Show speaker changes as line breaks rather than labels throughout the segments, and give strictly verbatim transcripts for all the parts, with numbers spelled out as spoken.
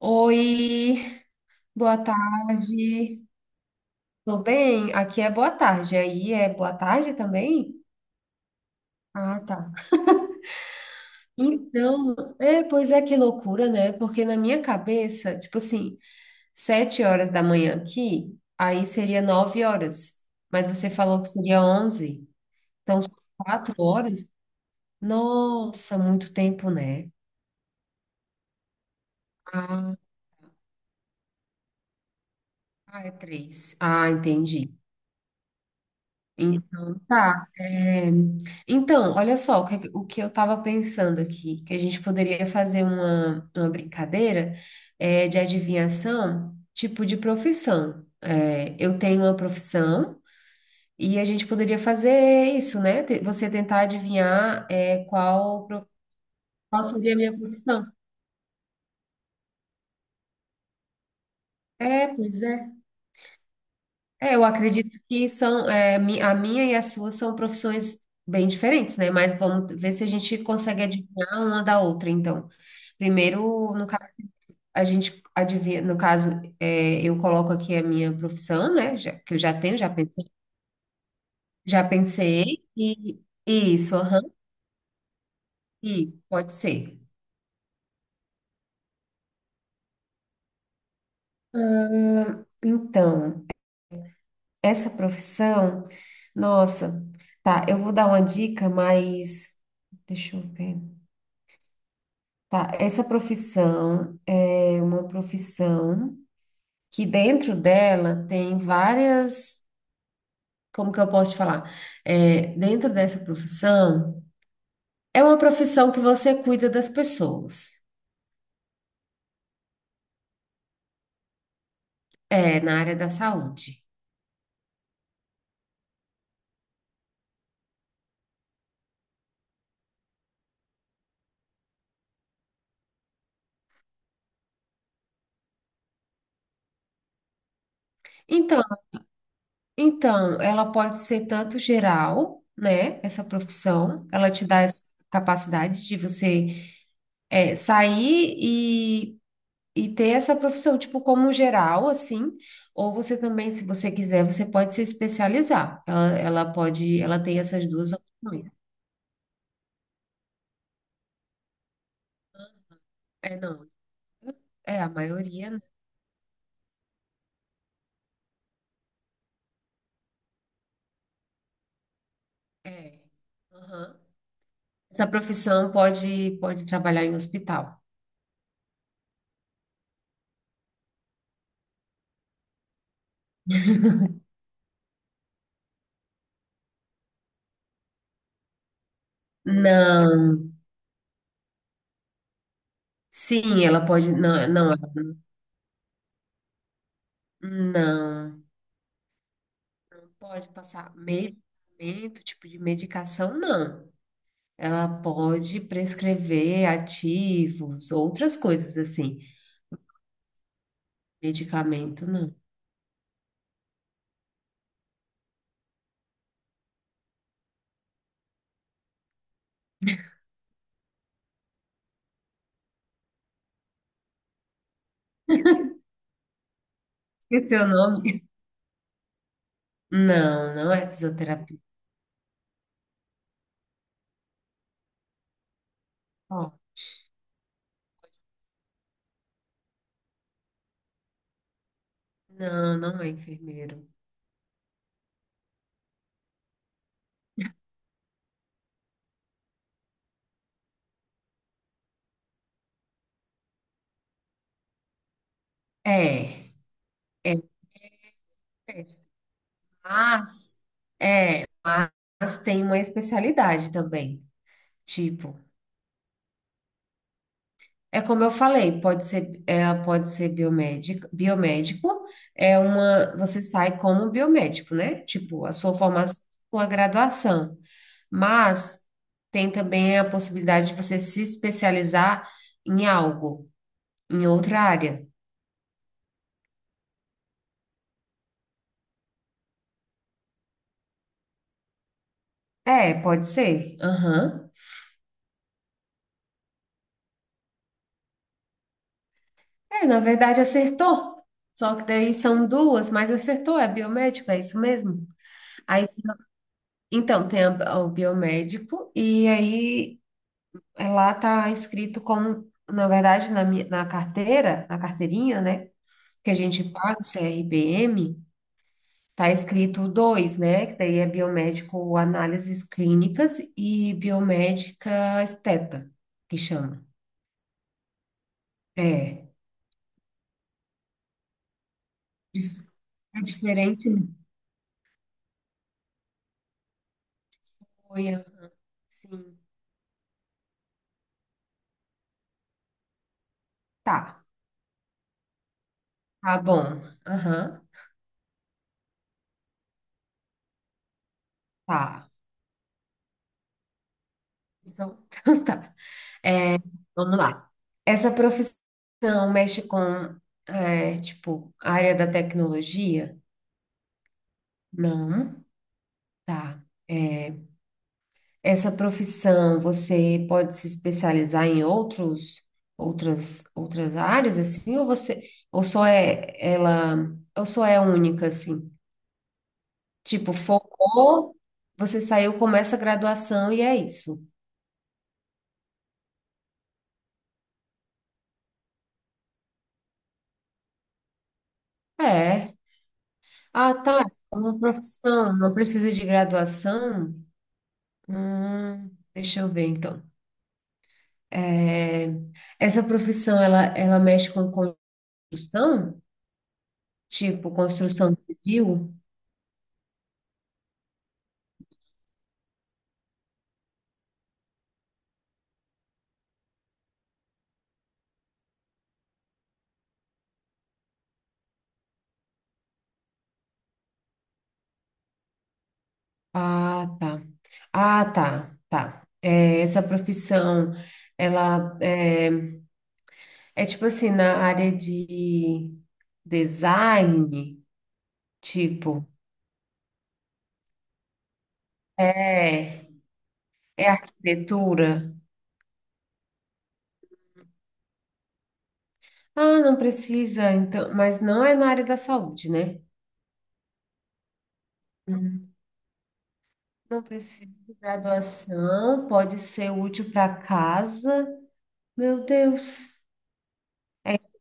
Oi, boa tarde. Tô bem? Aqui é boa tarde. Aí é boa tarde também? Ah, tá. Então, é, pois é, que loucura, né? Porque na minha cabeça, tipo assim, sete horas da manhã aqui, aí seria nove horas. Mas você falou que seria onze. Então, são quatro horas? Nossa, muito tempo, né? Ah, ah, é três. Ah, entendi. Então, tá. É, então, olha só, o que, o que eu estava pensando aqui, que a gente poderia fazer uma, uma brincadeira é, de adivinhação, tipo de profissão. É, eu tenho uma profissão e a gente poderia fazer isso, né? Te- Você tentar adivinhar é, qual, pro- qual seria a minha profissão. É, pois é. É, eu acredito que são, é, mi- a minha e a sua são profissões bem diferentes, né? Mas vamos ver se a gente consegue adivinhar uma da outra, então. Primeiro, no caso, a gente adivinha, no caso, é, eu coloco aqui a minha profissão, né? Já- que eu já tenho, já pensei. Já pensei, e e isso, aham, e pode ser. Ah, então, essa profissão, nossa, tá, eu vou dar uma dica, mas deixa eu ver. Tá, essa profissão é uma profissão que dentro dela tem várias, como que eu posso te falar? É, dentro dessa profissão, é uma profissão que você cuida das pessoas, é, na área da saúde. Então, então, ela pode ser tanto geral, né? Essa profissão, ela te dá essa capacidade de você, é, sair e e ter essa profissão, tipo, como geral, assim, ou você também, se você quiser, você pode se especializar. Ela, ela pode, ela tem essas duas opções. É, não. É, a maioria, né? É. Aham. Essa profissão pode, pode trabalhar em hospital. Não. Sim, ela pode, não, não, ela- não. Pode passar medicamento, tipo de medicação, não. Ela pode prescrever ativos, outras coisas assim. Medicamento, não. Esqueceu o nome? Não, não é fisioterapia. Ó, não, não é enfermeiro. É, é, é. Mas é, mas tem uma especialidade também. Tipo, é como eu falei, pode ser, ela pode ser biomédica, biomédico é uma, você sai como biomédico, né? Tipo, a sua formação, sua graduação. Mas tem também a possibilidade de você se especializar em algo. Em outra área. É, pode ser. Aham. É, na verdade acertou. Só que daí são duas, mas acertou, é biomédico, é isso mesmo? Aí, então, tem a- o biomédico, e aí é, lá tá escrito como, na verdade, na, minha- na carteira, na carteirinha, né? Que a gente paga o C R B M, tá escrito dois, né? Que daí é biomédico análises clínicas e biomédica esteta, que chama. É. É diferente, né? Olha, sim. Tá, tá bom. Aham, tá. Então, então tá. Vamos lá. Essa profissão mexe com, é, tipo, a área da tecnologia? Não, tá. É, essa profissão você pode se especializar em outros, outras, outras áreas, assim, ou você, ou só é ela, ou só é única, assim? Tipo, focou, você saiu, começa a graduação e é isso. É. Ah, tá. Uma profissão não precisa de graduação? Hum, deixa eu ver, então. É, essa profissão, ela, ela mexe com construção? Tipo, construção civil? Ah, tá. Ah, tá, tá. É, essa profissão, ela é, é tipo assim, na área de design, tipo, é, é arquitetura. Ah, não precisa, então, mas não é na área da saúde, né? Hum. Não precisa de graduação, pode ser útil para casa. Meu Deus.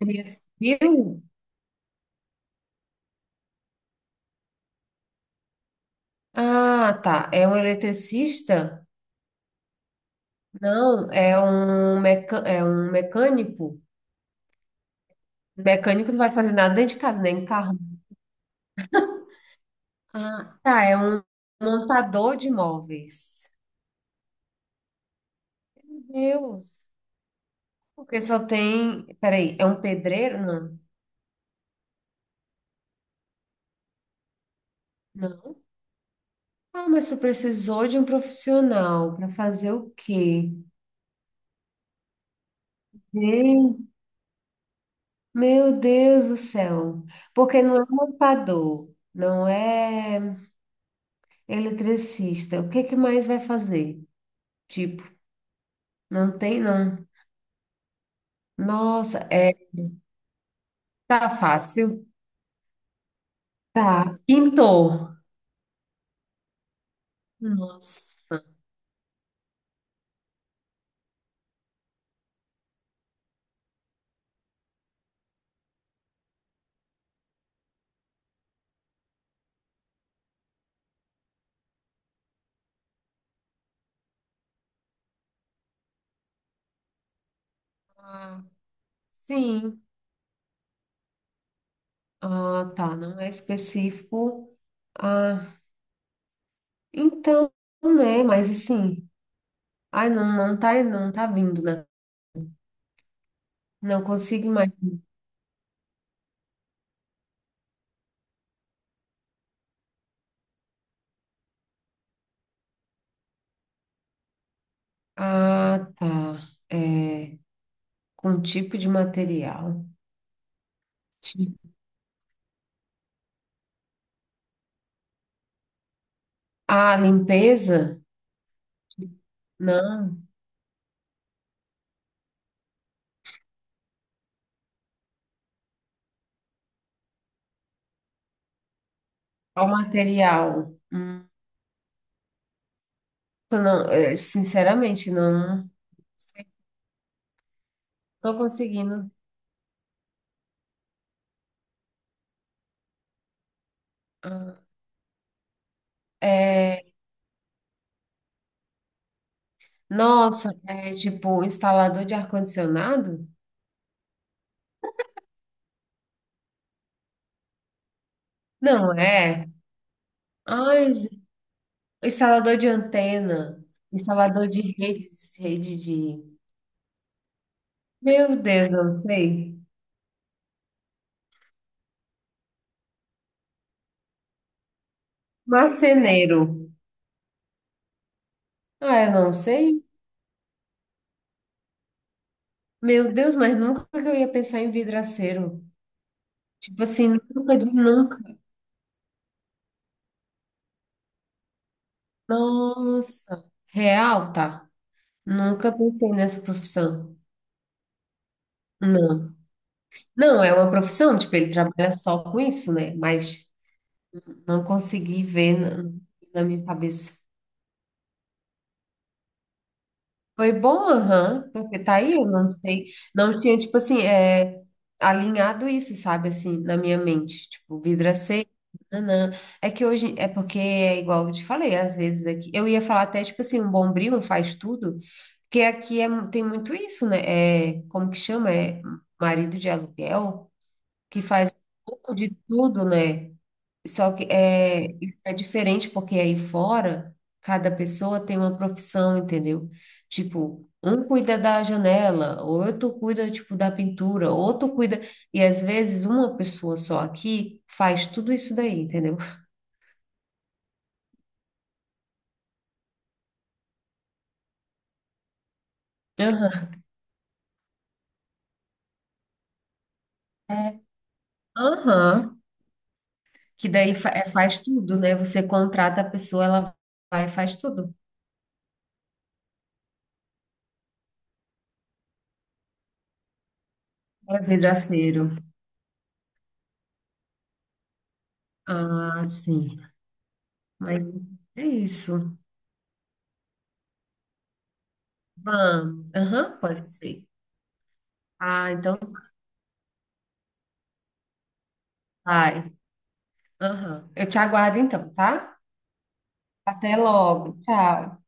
Ele viu? Ah, tá. É um eletricista? Não, é um, meca... é um mecânico. Mecânico não vai fazer nada dentro de casa, nem em carro. Ah, tá. É um montador de móveis. Meu Deus. Porque só tem. Peraí, é um pedreiro? Não. Ah, mas tu precisou de um profissional para fazer o quê? Gente, meu Deus do céu. Porque não é montador, não é eletricista. O que que mais vai fazer? Tipo, não tem, não. Nossa, é, tá fácil. Tá. Pintor. Nossa. Ah, sim. Ah, tá. Não é específico. Ah, então, né? Mas assim, ai, não, não tá, não tá vindo, né? Não consigo mais. Ah, tá. É, com um tipo de material. Ti- Ah, limpeza? Não. Qual material? Hum, não, é, sinceramente, não estou conseguindo. Ah, é, nossa, é tipo um instalador de ar-condicionado? Não é. Ai, instalador de antena, instalador de redes. Rede de. Meu Deus, eu não sei. Marceneiro. Ah, eu não sei. Meu Deus, mas nunca que eu ia pensar em vidraceiro. Tipo assim, nunca de nunca. Nossa, real, tá? Nunca pensei nessa profissão. Não. Não, é uma profissão, tipo, ele trabalha só com isso, né? Mas não consegui ver na, na minha cabeça. Foi bom, aham, porque tá aí, eu não sei, não tinha, tipo assim, é, alinhado isso, sabe, assim, na minha mente, tipo, vidraceiro, nanã. É que hoje, é porque é igual eu te falei, às vezes aqui, eu ia falar até, tipo assim, um bombril, um faz tudo, porque aqui é, mu- tem muito isso, né, é, como que chama, é marido de aluguel, que faz um pouco de tudo, né, só que é, isso é diferente porque aí fora, cada pessoa tem uma profissão, entendeu? Tipo, um cuida da janela, outro cuida, tipo, da pintura, outro cuida... E às vezes uma pessoa só aqui faz tudo isso daí, entendeu? Aham. É, aham. Que daí fa- é, faz tudo, né? Você contrata a pessoa, ela vai e faz tudo. É vidraceiro. Ah, sim. Mas é isso. Vamos. Aham, pode ser. Ah, então vai. Aham. Eu te aguardo então, tá? Até logo. Tchau.